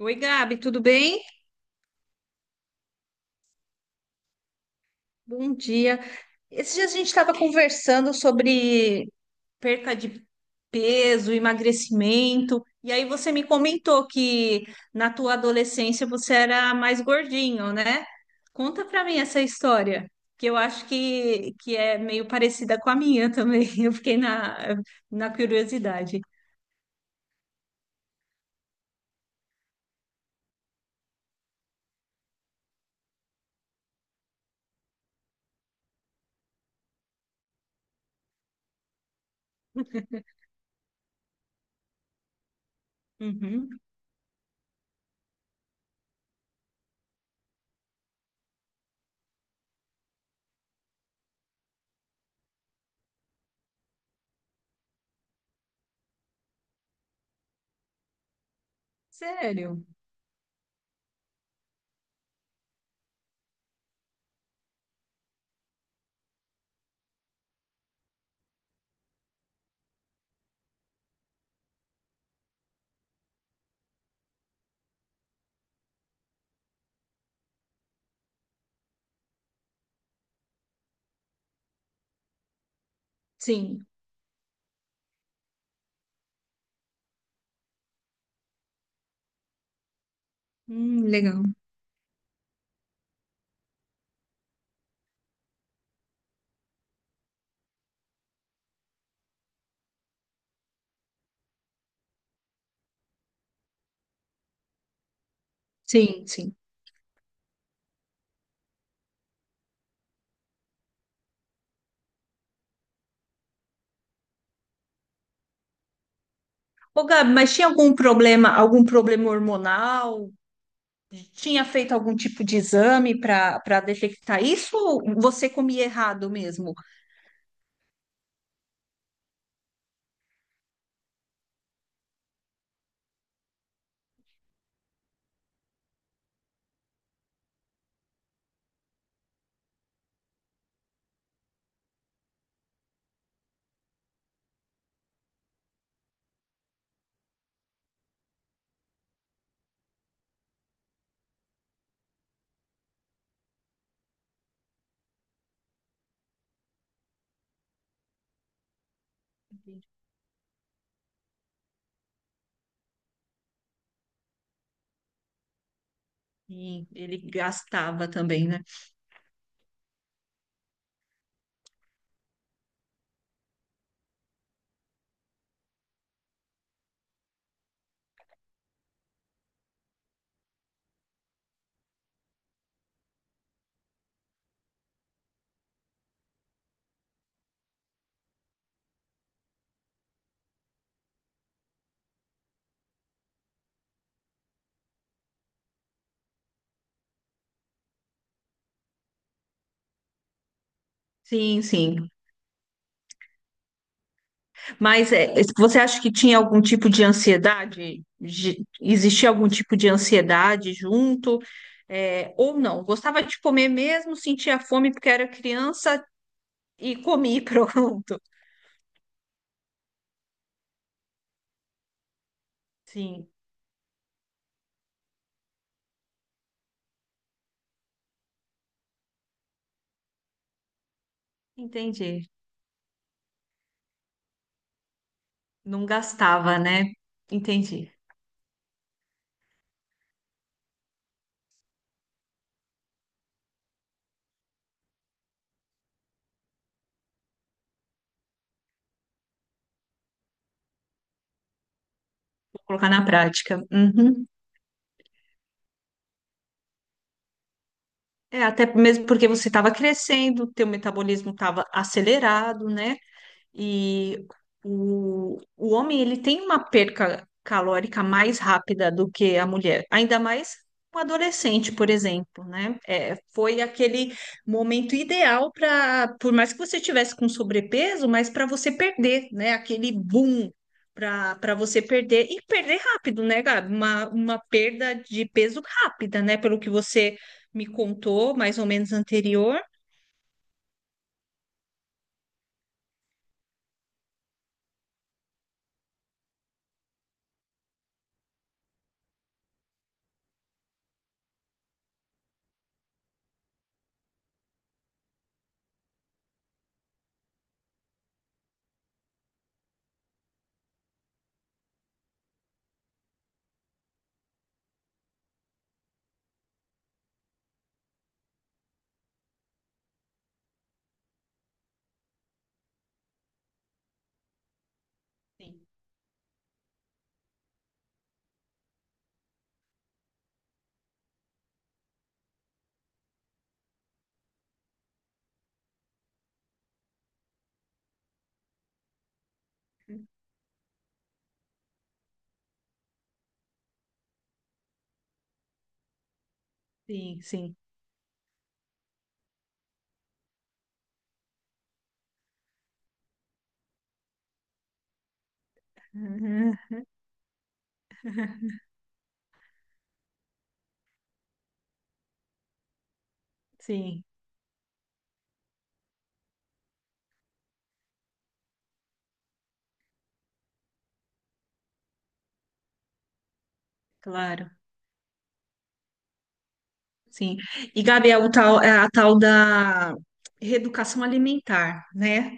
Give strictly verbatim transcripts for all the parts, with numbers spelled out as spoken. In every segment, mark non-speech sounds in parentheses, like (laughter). Oi, Gabi, tudo bem? Bom dia. Esses dias a gente estava conversando sobre perca de peso, emagrecimento, e aí você me comentou que na tua adolescência você era mais gordinho, né? Conta pra mim essa história, que eu acho que, que é meio parecida com a minha também. (laughs) Eu fiquei na, na curiosidade. Uhum. Sério? Sim. Hum, legal. Sim, sim. Ô, Gabi, mas tinha algum problema, algum problema hormonal? Tinha feito algum tipo de exame para para detectar isso ou você comia errado mesmo? Sim, ele gastava também, né? Sim, sim. Mas é, você acha que tinha algum tipo de ansiedade? Ge- Existia algum tipo de ansiedade junto? É, ou não? Gostava de comer mesmo, sentia fome porque era criança e comi, (laughs) pronto. Sim, entendi. Não gastava, né? Entendi. Vou colocar na prática. Uhum. É, até mesmo porque você estava crescendo, teu metabolismo estava acelerado, né? E o, o homem ele tem uma perca calórica mais rápida do que a mulher, ainda mais um adolescente, por exemplo, né? É, foi aquele momento ideal para, por mais que você tivesse com sobrepeso, mas para você perder, né? Aquele boom para para você perder e perder rápido, né, Gabi? Uma, uma perda de peso rápida, né? Pelo que você me contou, mais ou menos anterior. Sim, sim, sim. Uhum, sim. Claro, sim. E, Gabi, é o tal, é a tal da reeducação alimentar, né?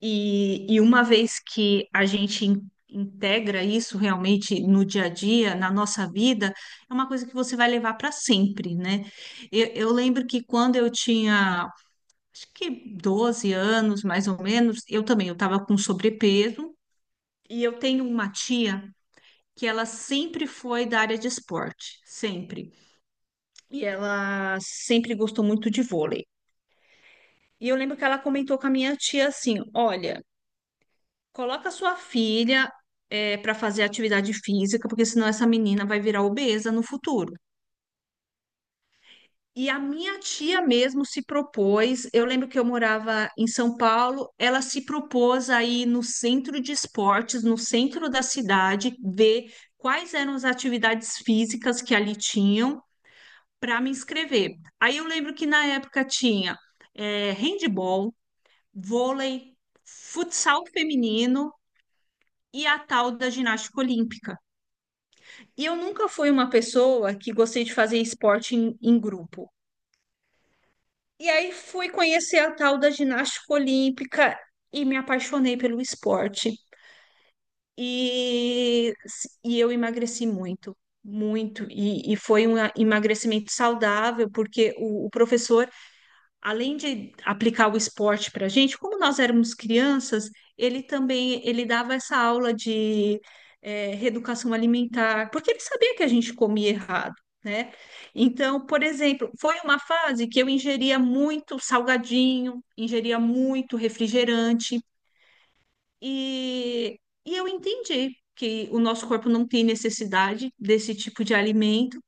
E, e uma vez que a gente in- integra isso realmente no dia a dia, na nossa vida, é uma coisa que você vai levar para sempre, né? Eu, eu lembro que quando eu tinha, acho que doze anos, mais ou menos, eu também, eu estava com sobrepeso, e eu tenho uma tia que ela sempre foi da área de esporte, sempre. E ela sempre gostou muito de vôlei. E eu lembro que ela comentou com a minha tia assim: olha, coloca sua filha para fazer atividade física, porque senão essa menina vai virar obesa no futuro. E a minha tia mesmo se propôs. Eu lembro que eu morava em São Paulo, ela se propôs aí no centro de esportes, no centro da cidade, ver quais eram as atividades físicas que ali tinham para me inscrever. Aí eu lembro que na época tinha eh, handball, vôlei, futsal feminino e a tal da ginástica olímpica. E eu nunca fui uma pessoa que gostei de fazer esporte em, em grupo. E aí fui conhecer a tal da ginástica olímpica e me apaixonei pelo esporte. E, e eu emagreci muito, muito. E, e foi um emagrecimento saudável, porque o o professor além de aplicar o esporte para a gente, como nós éramos crianças, ele também ele dava essa aula de eh, reeducação alimentar, porque ele sabia que a gente comia errado, né? Então, por exemplo, foi uma fase que eu ingeria muito salgadinho, ingeria muito refrigerante, e, e eu entendi que o nosso corpo não tem necessidade desse tipo de alimento.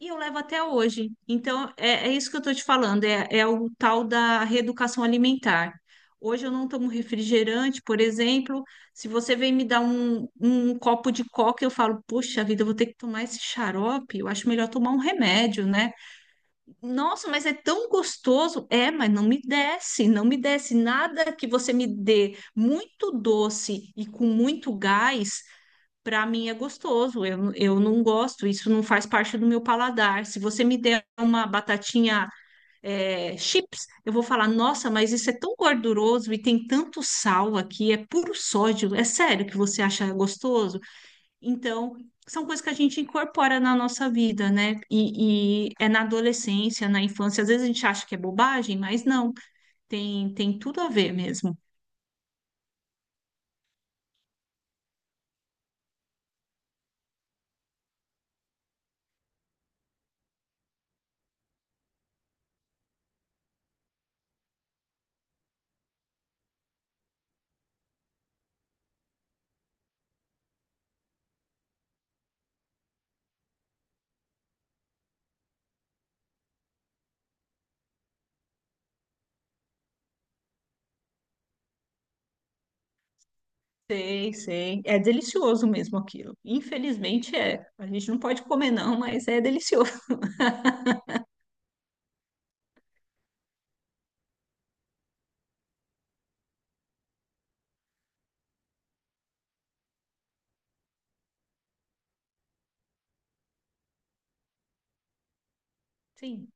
E eu levo até hoje. Então, é, é isso que eu estou te falando, é, é o tal da reeducação alimentar. Hoje eu não tomo refrigerante, por exemplo. Se você vem me dar um, um copo de coca, eu falo, poxa vida, eu vou ter que tomar esse xarope. Eu acho melhor tomar um remédio, né? Nossa, mas é tão gostoso. É, mas não me desce, não me desce. Nada que você me dê muito doce e com muito gás para mim é gostoso, eu, eu não gosto, isso não faz parte do meu paladar. Se você me der uma batatinha é, chips, eu vou falar: nossa, mas isso é tão gorduroso e tem tanto sal aqui, é puro sódio, é sério que você acha gostoso? Então, são coisas que a gente incorpora na nossa vida, né? E, e é na adolescência, na infância, às vezes a gente acha que é bobagem, mas não, tem, tem tudo a ver mesmo. Sei, sei. É delicioso mesmo aquilo. Infelizmente é. A gente não pode comer, não, mas é delicioso. (laughs) Sim,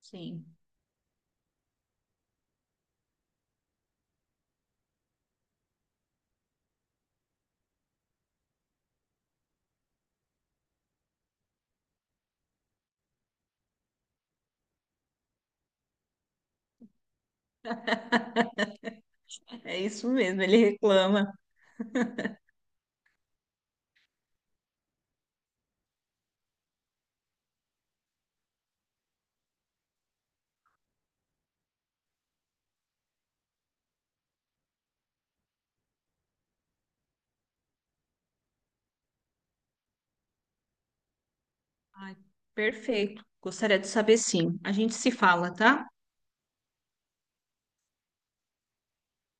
sim. É isso mesmo, ele reclama. Ai, perfeito. Gostaria de saber sim. A gente se fala, tá?